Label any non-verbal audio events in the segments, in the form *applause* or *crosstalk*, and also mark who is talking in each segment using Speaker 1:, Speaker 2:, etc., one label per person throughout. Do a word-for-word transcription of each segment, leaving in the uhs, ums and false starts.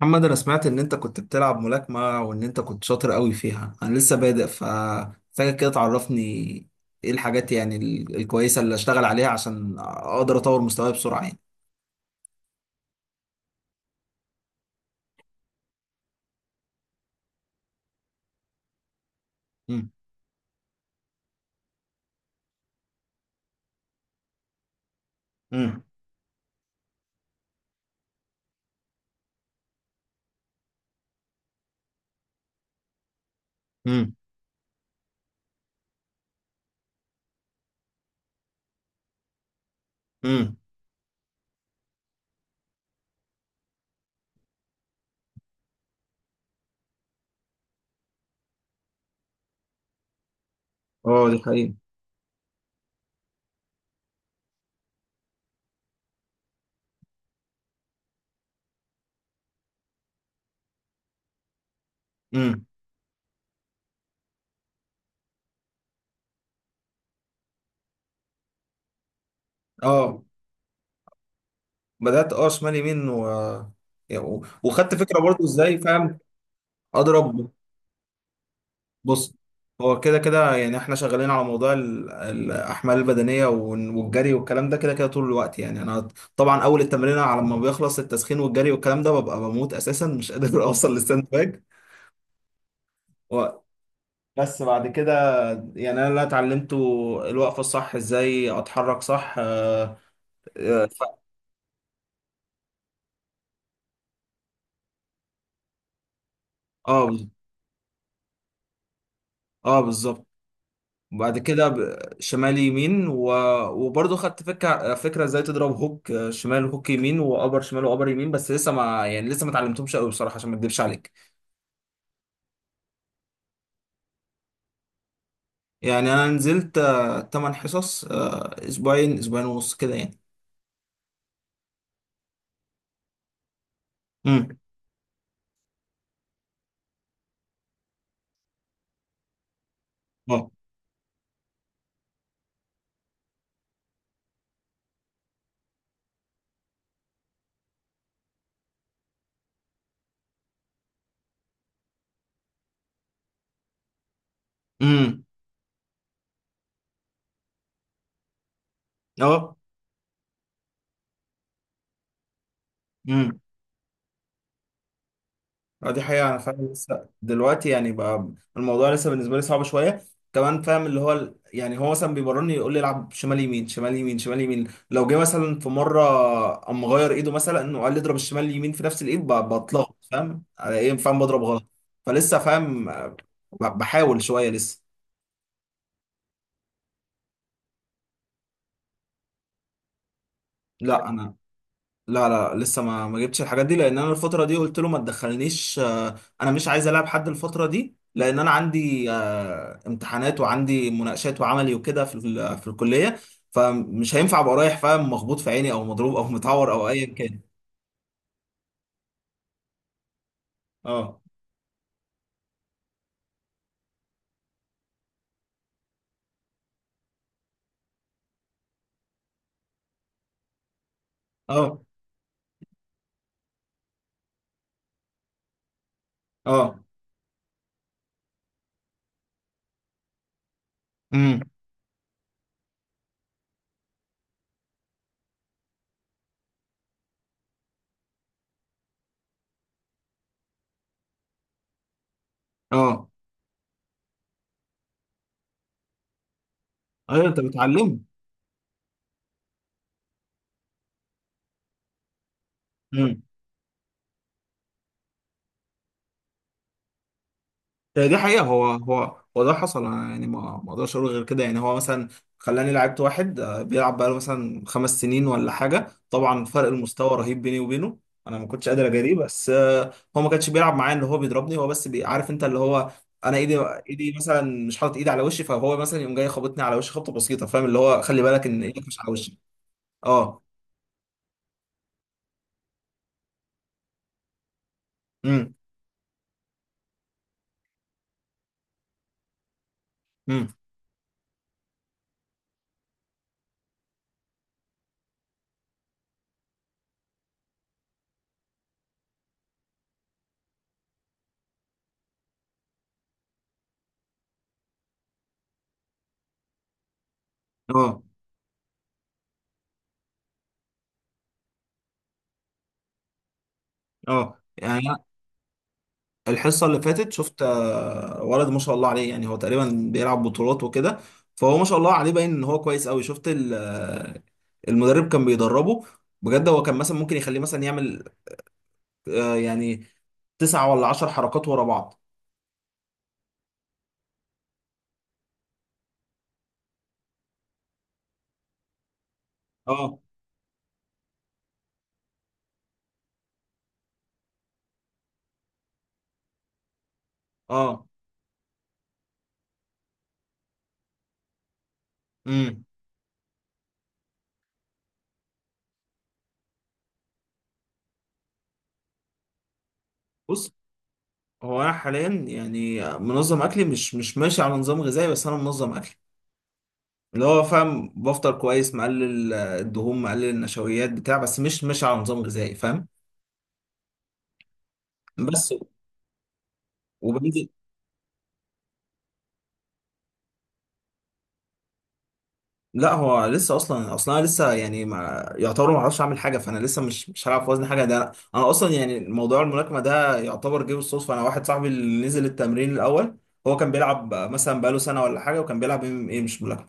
Speaker 1: محمد، انا سمعت ان انت كنت بتلعب ملاكمة وان انت كنت شاطر قوي فيها. انا لسه بادئ فمحتاجك كده تعرفني ايه الحاجات، يعني ال- الكويسة اللي اشتغل عليها عشان اقدر اطور مستواي بسرعة يعني. امم. امم. امم. امم. اه، دي حقيقة. امم. اه، بدأت، اه شمال يمين و... و- وخدت فكرة برضو، ازاي فاهم. اضرب. بص، هو كده كده يعني احنا شغالين على موضوع ال- الاحمال البدنيه وال- والجري والكلام ده كده كده طول الوقت، يعني انا طبعا اول التمرين على ما بيخلص التسخين والجري والكلام ده ببقى بموت اساسا مش قادر *laughs* اوصل للساند باك. و- بس بعد كده، يعني انا اللي اتعلمته الوقفه الصح، ازاي اتحرك صح. اه. اه، اه، بالظبط. وبعد كده ب- شمال يمين و... وبرضه خدت فكره فكره ازاي تضرب هوك، آه، شمال، هوك يمين، وابر شمال، وابر يمين. بس لسه ما يعني لسه ما اتعلمتهمش قوي بصراحه عشان ما اكدبش عليك. يعني انا نزلت 8 حصص، آه، اسبوعين، اسبوعين ونص كده يعني. امم. اه. امم. اه، اه، دي حقيقة. أنا فعلا لسه دلوقتي يعني بقى الموضوع لسه بالنسبة لي صعب شوية. كمان فاهم اللي هو ال- يعني هو مثلا بيمرني يقول لي العب شمال يمين، شمال يمين، شمال يمين. لو جه مثلا في مرة قام مغير إيده مثلا وقال لي اضرب الشمال اليمين في نفس الإيد، ب- بتلخبط، فاهم على إيه. فاهم بضرب غلط. فلسه فاهم، آه، ب- بحاول شوية لسه. لا أنا. لا، لا، لسه ما ما جبتش الحاجات دي لان انا الفتره دي قلت له ما تدخلنيش. آه، انا مش عايز العب حد الفتره دي، لان انا عندي آه، امتحانات وعندي مناقشات وعملي وكده في ال- في الكليه، فمش هينفع ابقى رايح فاهم مخبوط في عيني او مضروب او متعور او ايا كان. اه. اه. اه. امم. اه، ايوه انت بتعلمه. آه، دي حقيقة، هو هو هو ده حصل. أنا يعني ما ما اقدرش اقول غير كده. يعني هو مثلا خلاني لعبت واحد، آه، بيلعب بقاله مثلا خمس سنين ولا حاجة، طبعا فرق المستوى رهيب بيني وبينه. انا ما كنتش قادر اجاريه، بس آه، هو ما كانش بيلعب معايا، اللي هو بيضربني هو بس، بي- عارف انت اللي هو انا ايدي ايدي مثلا مش حاطط ايدي على وشي، فهو مثلا يقوم جاي خبطني على وشي خبطة بسيطة، فاهم؟ اللي هو خلي بالك ان ايدك مش على وشي. اه. امم. امم. اه. اه، يعني الحصة اللي فاتت شفت آه، ولد ما شاء الله عليه، يعني هو تقريبا بيلعب بطولات وكده، فهو ما شاء الله عليه باين ان هو كويس قوي. شفت ال- آه، المدرب كان بيدربه بجد. هو كان مثلا ممكن يخليه مثلا يعمل، آه، يعني تسعة ولا عشر حركات ورا بعض. اه. اه. امم. بص، هو انا حاليا يعني منظم اكلي، مش مش ماشي على نظام غذائي، بس انا منظم اكلي اللي هو فاهم، بفطر كويس، مقلل آه، الدهون، مقلل النشويات بتاع، بس مش ماشي على نظام غذائي فاهم. بس. وبنزل. لا، هو لسه اصلا، اصلا أنا لسه يعني ما يعتبر، ما اعرفش اعمل حاجه، فانا لسه مش مش هلعب في وزن حاجه. ده انا أنا اصلا يعني موضوع الملاكمه ده يعتبر جه بالصدفه. انا واحد صاحبي اللي نزل التمرين الاول هو كان بيلعب مثلا بقاله سنه ولا حاجه، وكان بيلعب ام ايه مش ملاكمه،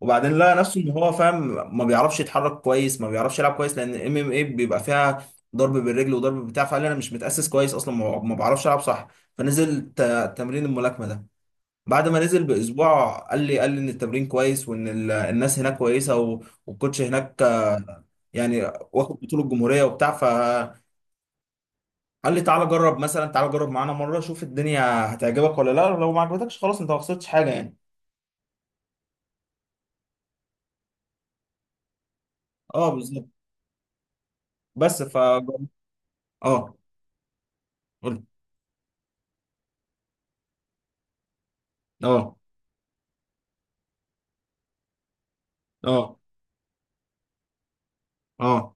Speaker 1: وبعدين لقى نفسه ان هو فاهم ما بيعرفش يتحرك كويس، ما بيعرفش يلعب كويس، لان ام ام ايه بيبقى فيها ضرب بالرجل وضرب بتاع. فقال لي انا مش متاسس كويس اصلا، ما ما بعرفش العب صح، فنزل ت- تمرين الملاكمه ده. بعد ما نزل باسبوع قال لي قال لي ان التمرين كويس وان ال- الناس هناك كويسه و- والكوتش هناك. يعني واخد بطوله الجمهوريه وبتاع. فقال لي تعالى جرب مثلا، تعالى جرب معانا مره، شوف الدنيا هتعجبك ولا لا. لو ما عجبتكش خلاص انت ما خسرتش حاجه يعني. اه، بالظبط. بس ف اه، قول. اه. اه. اه.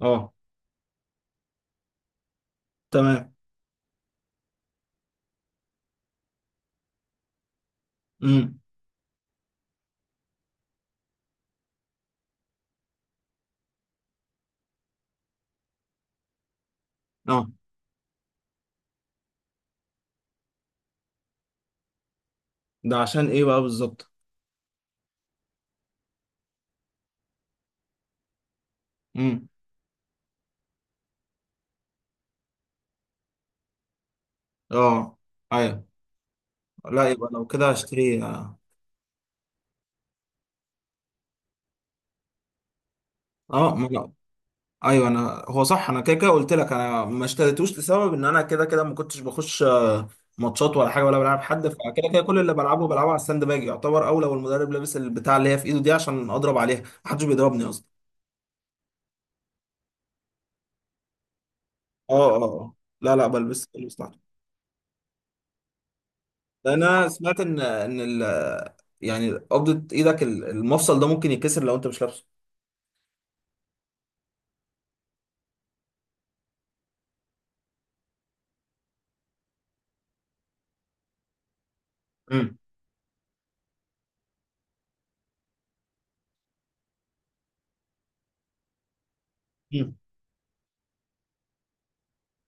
Speaker 1: اه، تمام. امم. اه، ده عشان ايه بقى بالظبط. امم. اه، ايوه. لا، يبقى لو كده هشتري. اه. آه، ما أنا- ايوه، انا هو صح. انا كده كده قلت لك انا ما اشتريتوش، لسبب ان انا كده كده ما كنتش بخش آه، ماتشات ولا حاجه، ولا بلعب حد، فكده كده كل اللي بلعبه بلعبه على الساند باج يعتبر، او لو المدرب لابس البتاع اللي هي في ايده دي عشان اضرب عليها، محدش بيضربني اصلا. اه. اه. آه. لا، لا، بلبس بلبس تحت. لان انا سمعت ان ان ال... يعني قبضه ايدك ال- المفصل ده ممكن يتكسر لو انت مش لابسه. امم.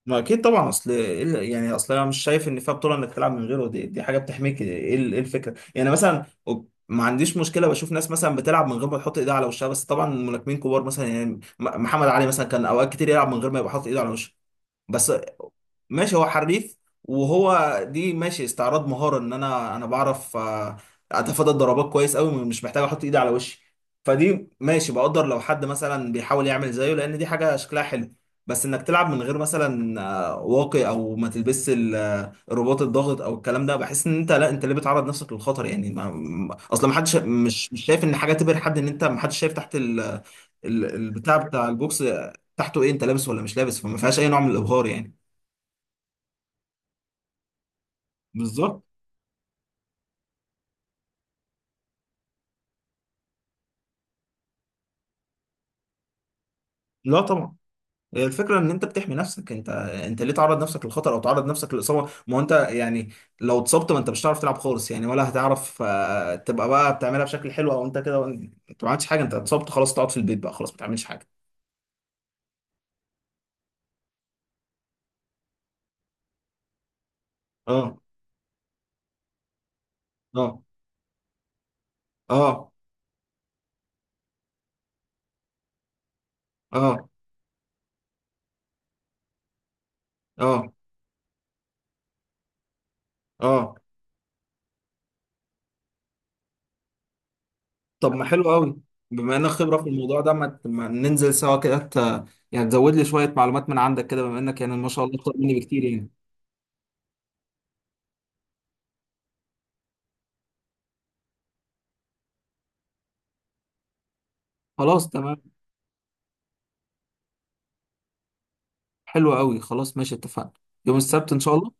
Speaker 1: ما اكيد طبعا. اصل إيه ال- يعني اصل انا مش شايف ان فيها بطوله انك تلعب من غيره، دي, دي حاجه بتحميك. ايه ال- إيه الفكره يعني مثلا، أوك- ما عنديش مشكله، بشوف ناس مثلا بتلعب من غير ما تحط ايدها على وشها، بس طبعا الملاكمين كبار مثلا يعني م- محمد علي مثلا كان اوقات كتير يلعب من غير ما يبقى حاطط ايده على وشه. بس، ماشي هو حريف، وهو دي ماشي استعراض مهارة ان انا انا بعرف آه، اتفادى الضربات كويس قوي، مش محتاج احط ايدي على وشي، فدي ماشي بقدر لو حد مثلا بيحاول يعمل زيه، لان دي حاجة شكلها حلو. بس انك تلعب من غير مثلا آه، واقي، او ما تلبسش ال- آه، الرباط الضاغط او الكلام ده، بحس ان انت، لا انت ليه بتعرض نفسك للخطر يعني. ما ما- اصلا ما حدش مش مش شايف ان حاجة تبهر حد، ان انت ما حدش شايف تحت ال- ال- البتاع بتاع البوكس، آه، تحته ايه انت لابس ولا مش لابس. فما فيهاش اي نوع من الابهار يعني. بالظبط. لا طبعا. هي الفكره ان انت بتحمي نفسك. انت انت ليه تعرض نفسك للخطر او تعرض نفسك للاصابه؟ ما هو انت يعني لو اتصبت، ما انت مش هتعرف تلعب خالص يعني، ولا هتعرف آه، تبقى بقى بتعملها بشكل حلو. او انت كده انت ما عملتش حاجه، انت اتصبت خلاص، تقعد في البيت بقى خلاص، ما تعملش حاجه. اه. اه. اه. اه. اه. اه. طب، ما حلو قوي. بما انك خبره في الموضوع ده، ما ت- ما ننزل سوا كده، ت... يعني تزود لي شويه معلومات من عندك كده، بما انك يعني ما شاء الله اكتر مني بكتير يعني. خلاص، تمام. حلو قوي. خلاص، ماشي، اتفقنا. يوم السبت ان شاء الله.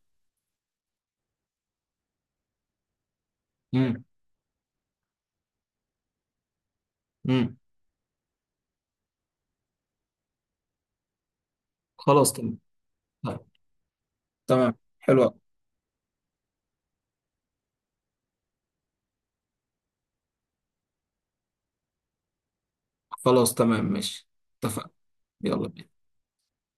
Speaker 1: امم. امم. خلاص، تمام. طيب، تمام. حلوة. خلاص، تمام، ماشي، اتفقنا. يلا بينا.